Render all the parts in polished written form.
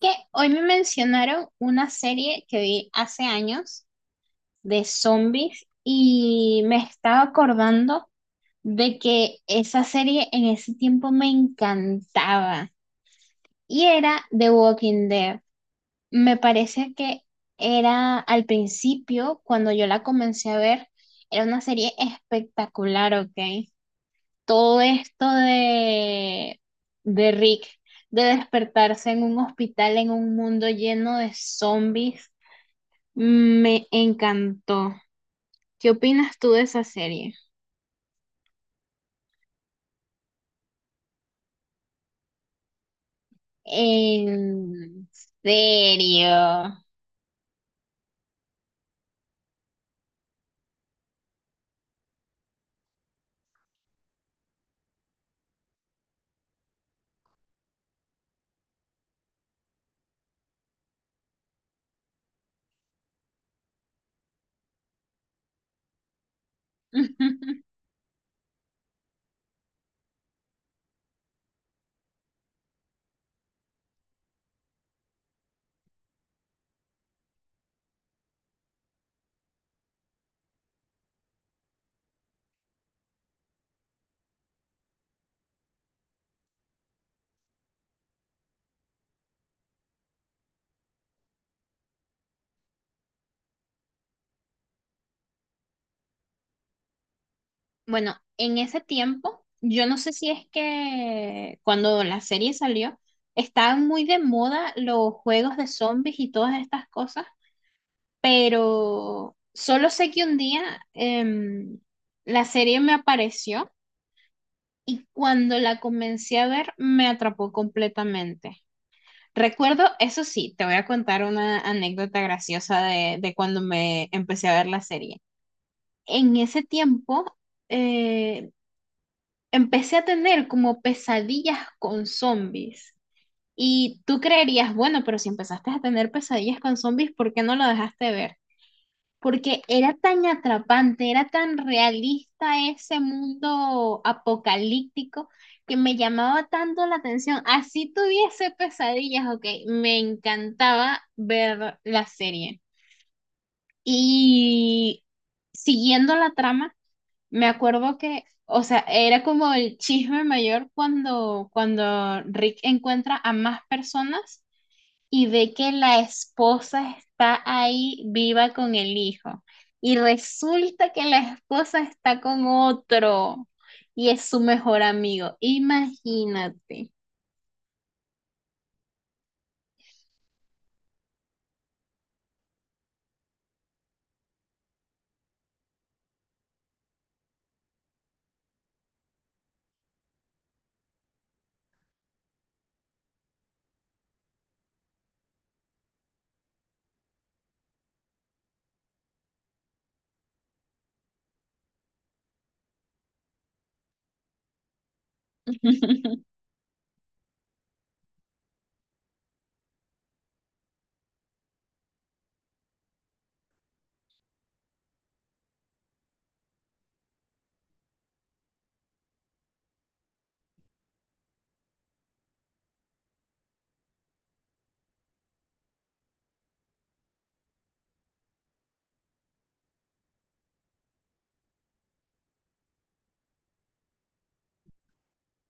Que hoy me mencionaron una serie que vi hace años de zombies y me estaba acordando de que esa serie en ese tiempo me encantaba y era The Walking Dead. Me parece que era al principio, cuando yo la comencé a ver, era una serie espectacular, ¿ok? Todo esto de Rick, de despertarse en un hospital, en un mundo lleno de zombies, me encantó. ¿Qué opinas tú de esa serie? En serio. Bueno, en ese tiempo, yo no sé si es que cuando la serie salió, estaban muy de moda los juegos de zombies y todas estas cosas, pero solo sé que un día em, la serie me apareció y cuando la comencé a ver me atrapó completamente. Recuerdo, eso sí, te voy a contar una anécdota graciosa de cuando me empecé a ver la serie. En ese tiempo, eh, empecé a tener como pesadillas con zombies. Y tú creerías, bueno, pero si empezaste a tener pesadillas con zombies, ¿por qué no lo dejaste de ver? Porque era tan atrapante, era tan realista ese mundo apocalíptico que me llamaba tanto la atención. Así tuviese pesadillas, ok, me encantaba ver la serie. Y siguiendo la trama, me acuerdo que, o sea, era como el chisme mayor cuando Rick encuentra a más personas y ve que la esposa está ahí viva con el hijo. Y resulta que la esposa está con otro y es su mejor amigo. Imagínate.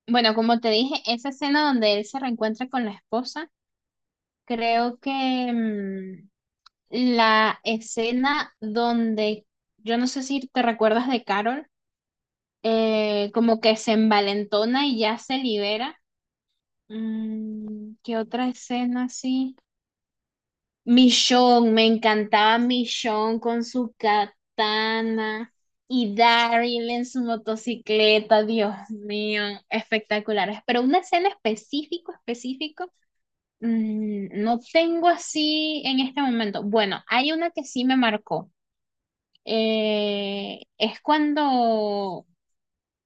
Bueno, como te dije, esa escena donde él se reencuentra con la esposa, creo que mm, la escena donde, yo no sé si te recuerdas de Carol, como que se envalentona y ya se libera. Mm, ¿qué otra escena así? Michonne, me encantaba Michonne con su katana y Daryl en su motocicleta, Dios mío, espectaculares. Pero una escena específico, específico, mm, no tengo así en este momento. Bueno, hay una que sí me marcó. Es cuando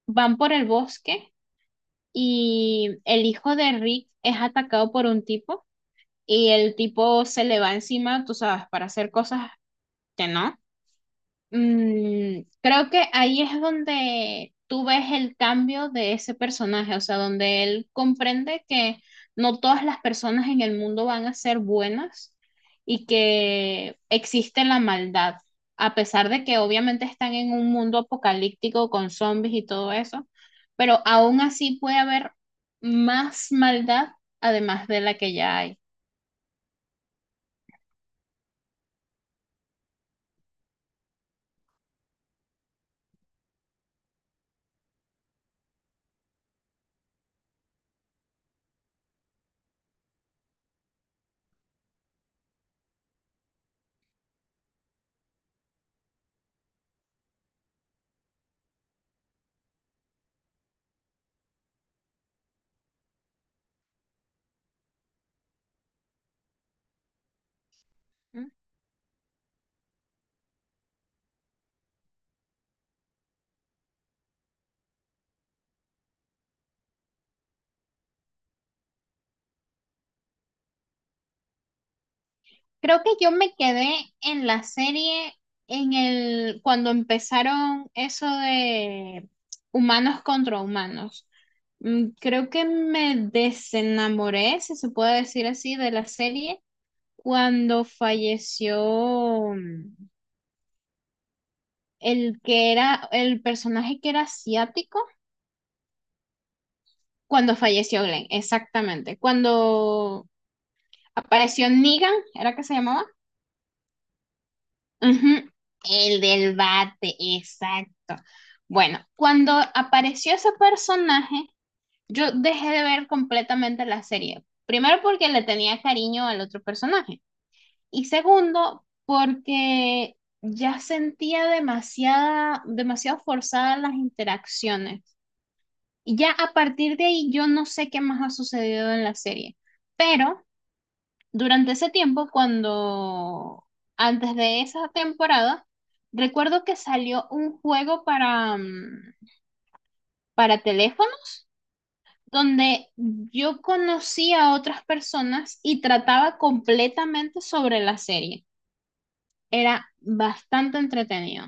van por el bosque y el hijo de Rick es atacado por un tipo y el tipo se le va encima, tú sabes, para hacer cosas que no. Mm, creo que ahí es donde tú ves el cambio de ese personaje, o sea, donde él comprende que no todas las personas en el mundo van a ser buenas y que existe la maldad, a pesar de que obviamente están en un mundo apocalíptico con zombies y todo eso, pero aún así puede haber más maldad además de la que ya hay. Creo que yo me quedé en la serie en el cuando empezaron eso de humanos contra humanos. Mm, creo que me desenamoré, si se puede decir así, de la serie cuando falleció mm, el que era el personaje que era asiático, cuando falleció Glenn, exactamente. Cuando apareció Negan, ¿era que se llamaba? Ujú, el del bate, exacto. Bueno, cuando apareció ese personaje, yo dejé de ver completamente la serie. Primero porque le tenía cariño al otro personaje. Y segundo, porque ya sentía demasiada, demasiado forzadas las interacciones. Y ya a partir de ahí yo no sé qué más ha sucedido en la serie. Pero durante ese tiempo, cuando antes de esa temporada, recuerdo que salió un juego para, mm, para teléfono donde yo conocía a otras personas y trataba completamente sobre la serie. Era bastante entretenido.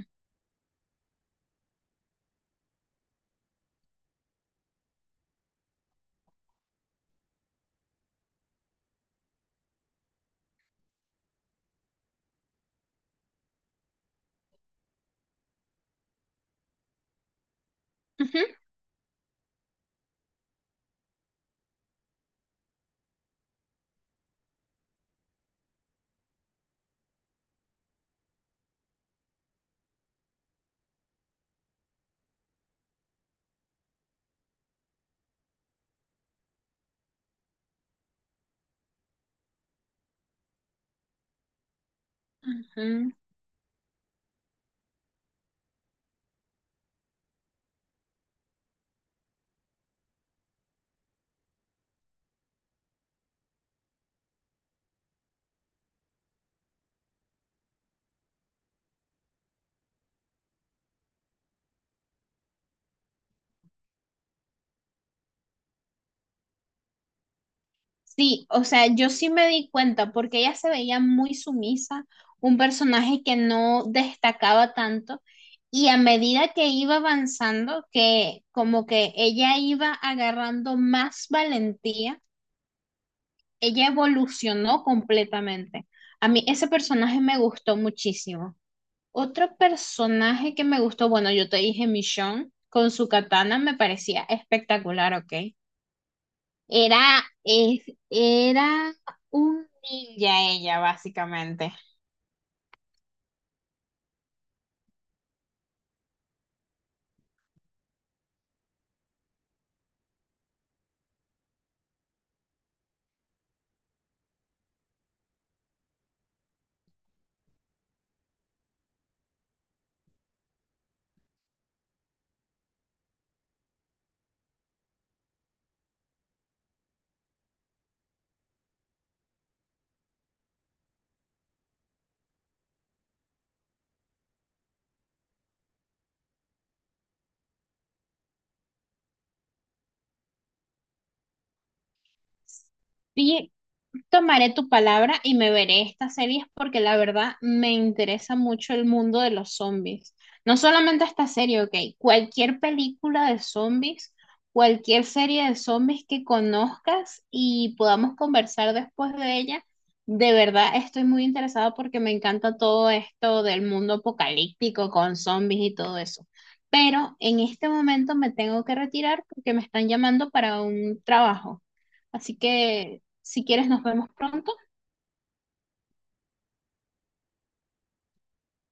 Ujú, ujú. Sí, o sea, yo sí me di cuenta porque ella se veía muy sumisa, un personaje que no destacaba tanto y a medida que iba avanzando, que como que ella iba agarrando más valentía, ella evolucionó completamente. A mí ese personaje me gustó muchísimo. Otro personaje que me gustó, bueno, yo te dije Michonne con su katana me parecía espectacular, ¿ok? Era, es, era un ninja ella, básicamente. Sí, tomaré tu palabra y me veré estas series porque la verdad me interesa mucho el mundo de los zombies. No solamente esta serie, ok, cualquier película de zombies, cualquier serie de zombies que conozcas y podamos conversar después de ella, de verdad estoy muy interesada porque me encanta todo esto del mundo apocalíptico con zombies y todo eso. Pero en este momento me tengo que retirar porque me están llamando para un trabajo. Así que si quieres, nos vemos pronto.